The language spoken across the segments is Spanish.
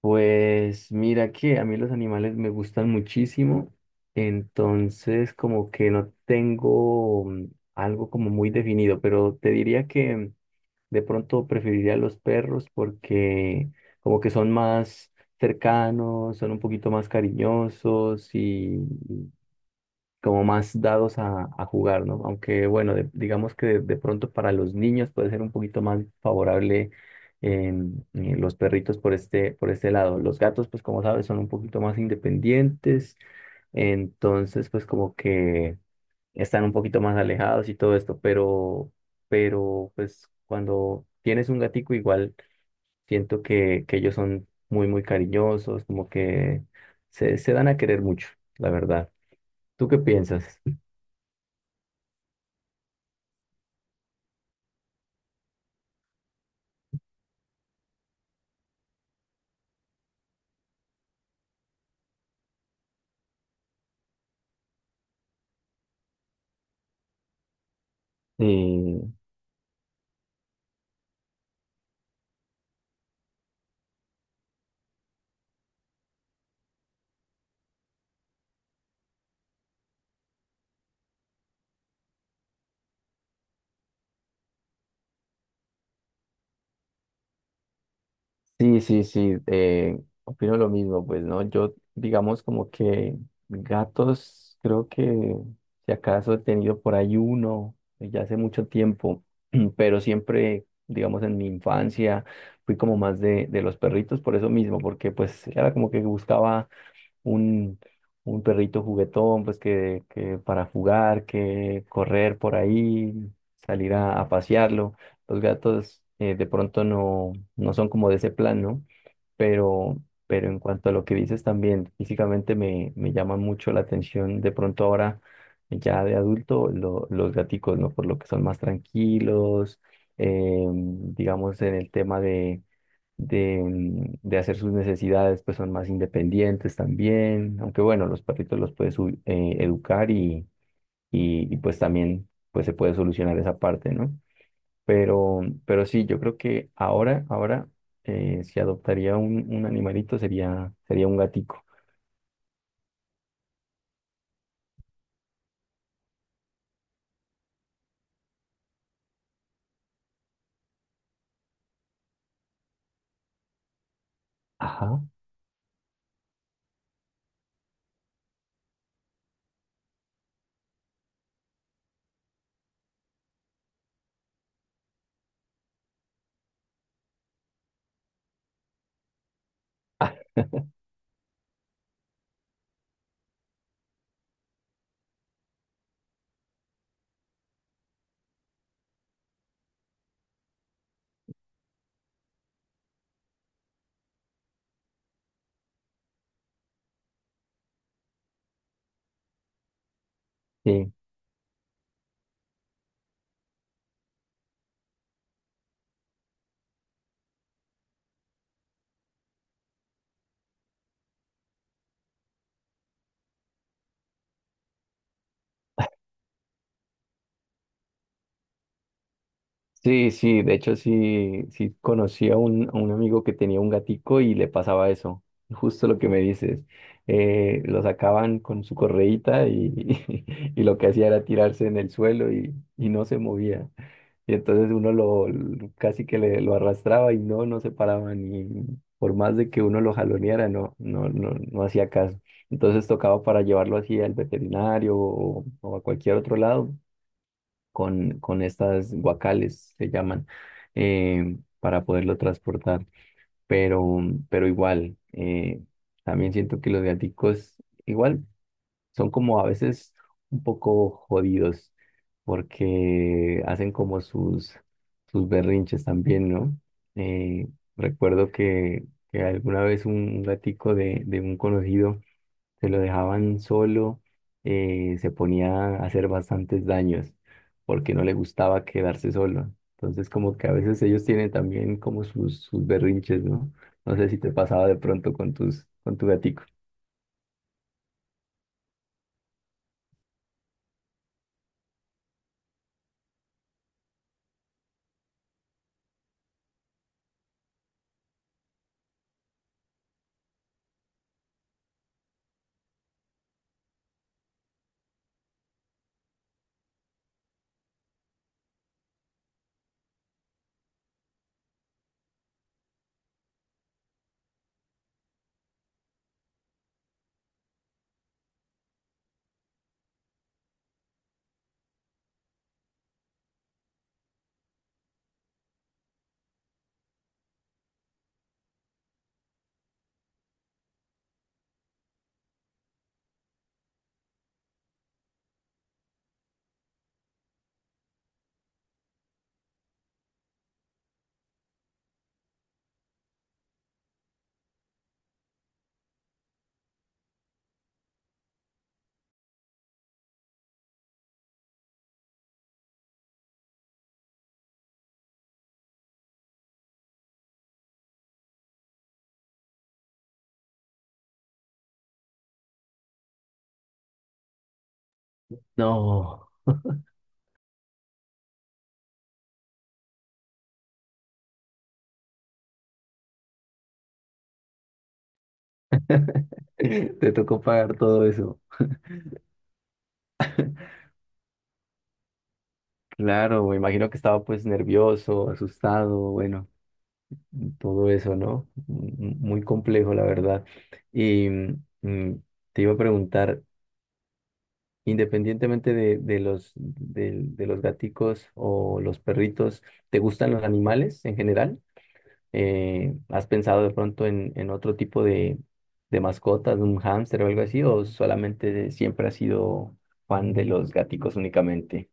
Pues mira que a mí los animales me gustan muchísimo, entonces como que no tengo algo como muy definido, pero te diría que de pronto preferiría los perros porque como que son más cercanos, son un poquito más cariñosos y como más dados a jugar, ¿no? Aunque bueno, digamos que de pronto para los niños puede ser un poquito más favorable los perritos por este lado. Los gatos, pues como sabes, son un poquito más independientes, entonces pues como que están un poquito más alejados y todo esto, pero pues cuando tienes un gatico igual siento que ellos son muy, muy cariñosos, como que se dan a querer mucho, la verdad. ¿Tú qué piensas? Sí, sí, sí, sí, opino lo mismo, pues, ¿no? Yo, digamos, como que gatos, creo que si acaso he tenido por ahí uno, ya hace mucho tiempo, pero siempre, digamos, en mi infancia fui como más de los perritos por eso mismo, porque pues era como que buscaba un, un perrito juguetón, pues que para jugar, que correr por ahí, salir a pasearlo. Los gatos de pronto no, no son como de ese plan, ¿no? Pero, pero en cuanto a lo que dices también, físicamente me llama mucho la atención de pronto ahora, ya de adulto, los gaticos, ¿no? Por lo que son más tranquilos, digamos en el tema de hacer sus necesidades, pues son más independientes también, aunque bueno, los perritos los puedes educar y, pues también pues se puede solucionar esa parte, ¿no? Pero sí, yo creo que ahora, ahora, si adoptaría un animalito sería, sería un gatico. Ajá. Ah, sí. Sí, sí, de hecho sí, sí conocí a un amigo que tenía un gatico y le pasaba eso, justo lo que me dices. Lo sacaban con su correíta y, y lo que hacía era tirarse en el suelo y no se movía. Y entonces uno casi que lo arrastraba y no, no se paraba ni por más de que uno lo jaloneara, no, no, no, no hacía caso. Entonces tocaba para llevarlo así al veterinario o a cualquier otro lado con estas guacales, se llaman, para poderlo transportar. Pero, pero igual, también siento que los gaticos igual son como a veces un poco jodidos porque hacen como sus, sus berrinches también, ¿no? Eh, Recuerdo que alguna vez un gatico de un conocido se lo dejaban solo, se ponía a hacer bastantes daños porque no le gustaba quedarse solo. Entonces, como que a veces ellos tienen también como sus, sus berrinches, ¿no? No sé si te pasaba de pronto con tus, con tu gatico. No, te tocó pagar todo eso. Claro, me imagino que estaba pues nervioso, asustado, bueno, todo eso, ¿no? Muy complejo, la verdad. Y mm, te iba a preguntar, independientemente de los, de, los gaticos o los perritos, ¿te gustan los animales en general? ¿Has pensado de pronto en otro tipo de mascotas, un hámster o algo así? ¿O solamente siempre has sido fan de los gaticos únicamente?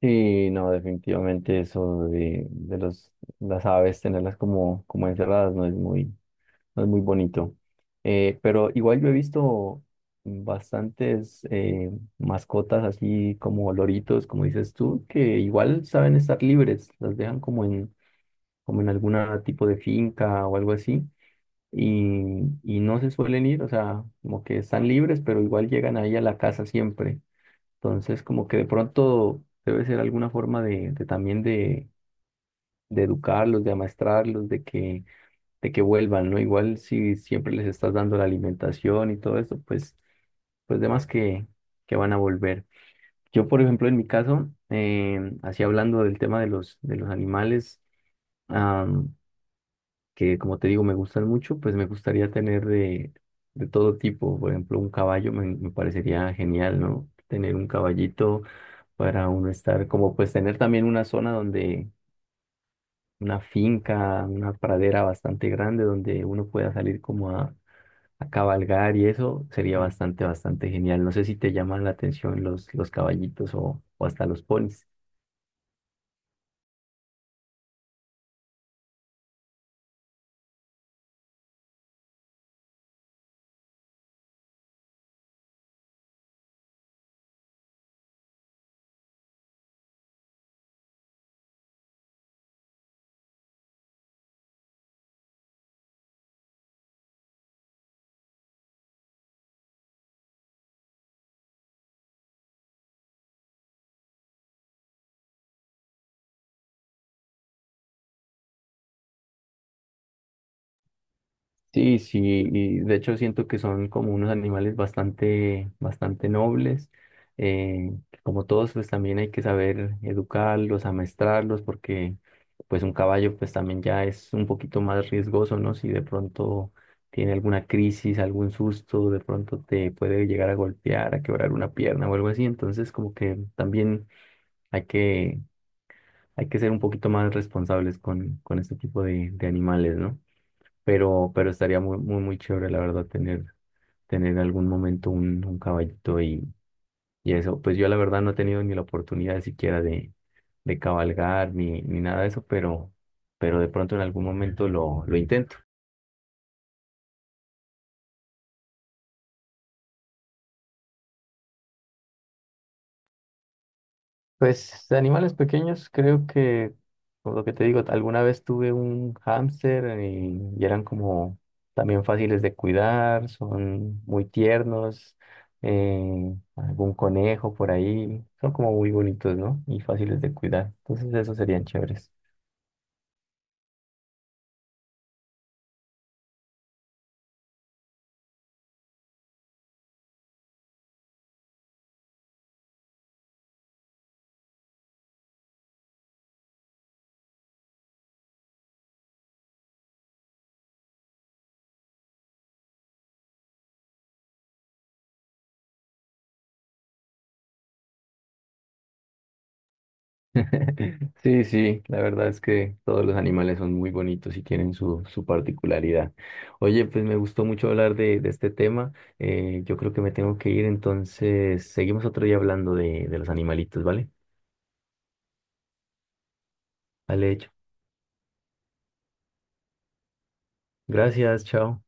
Sí, no, definitivamente eso de los, las aves, tenerlas como, como encerradas, no es muy, no es muy bonito. Pero igual yo he visto bastantes mascotas así como loritos, como dices tú, que igual saben estar libres, las dejan como en, como en algún tipo de finca o algo así, y no se suelen ir, o sea, como que están libres, pero igual llegan ahí a la casa siempre. Entonces, como que de pronto debe ser alguna forma de también de educarlos, de amaestrarlos, de que vuelvan, ¿no? Igual si siempre les estás dando la alimentación y todo eso, pues, pues demás que van a volver. Yo, por ejemplo, en mi caso, así hablando del tema de los animales, am, que como te digo, me gustan mucho, pues me gustaría tener de todo tipo. Por ejemplo, un caballo me parecería genial, ¿no? Tener un caballito para uno estar, como pues tener también una zona donde... una finca, una pradera bastante grande donde uno pueda salir como a cabalgar y eso sería bastante, bastante genial. No sé si te llaman la atención los caballitos o hasta los ponis. Sí, sí, y de hecho siento que son como unos animales bastante, bastante nobles. eh, Como todos, pues también hay que saber educarlos, amestrarlos, porque pues un caballo pues también ya es un poquito más riesgoso, ¿no? Si de pronto tiene alguna crisis, algún susto, de pronto te puede llegar a golpear, a quebrar una pierna o algo así. Entonces como que también Hay que, hay que ser un poquito más responsables con este tipo de animales, ¿no? Pero estaría muy, muy, muy chévere, la verdad, tener, tener algún momento un caballito y eso. Pues yo, la verdad, no he tenido ni la oportunidad siquiera de cabalgar ni, ni nada de eso, pero de pronto en algún momento lo intento. Pues de animales pequeños, creo que, por lo que te digo, alguna vez tuve un hámster y eran como también fáciles de cuidar, son muy tiernos, algún conejo por ahí, son como muy bonitos, ¿no? Y fáciles de cuidar, entonces esos serían chéveres. Sí, sí, la verdad es que todos los animales son muy bonitos y tienen su, su particularidad. Oye, pues me gustó mucho hablar de este tema. Yo creo que me tengo que ir, entonces seguimos otro día hablando de los animalitos, ¿vale? Vale, hecho. Gracias, chao.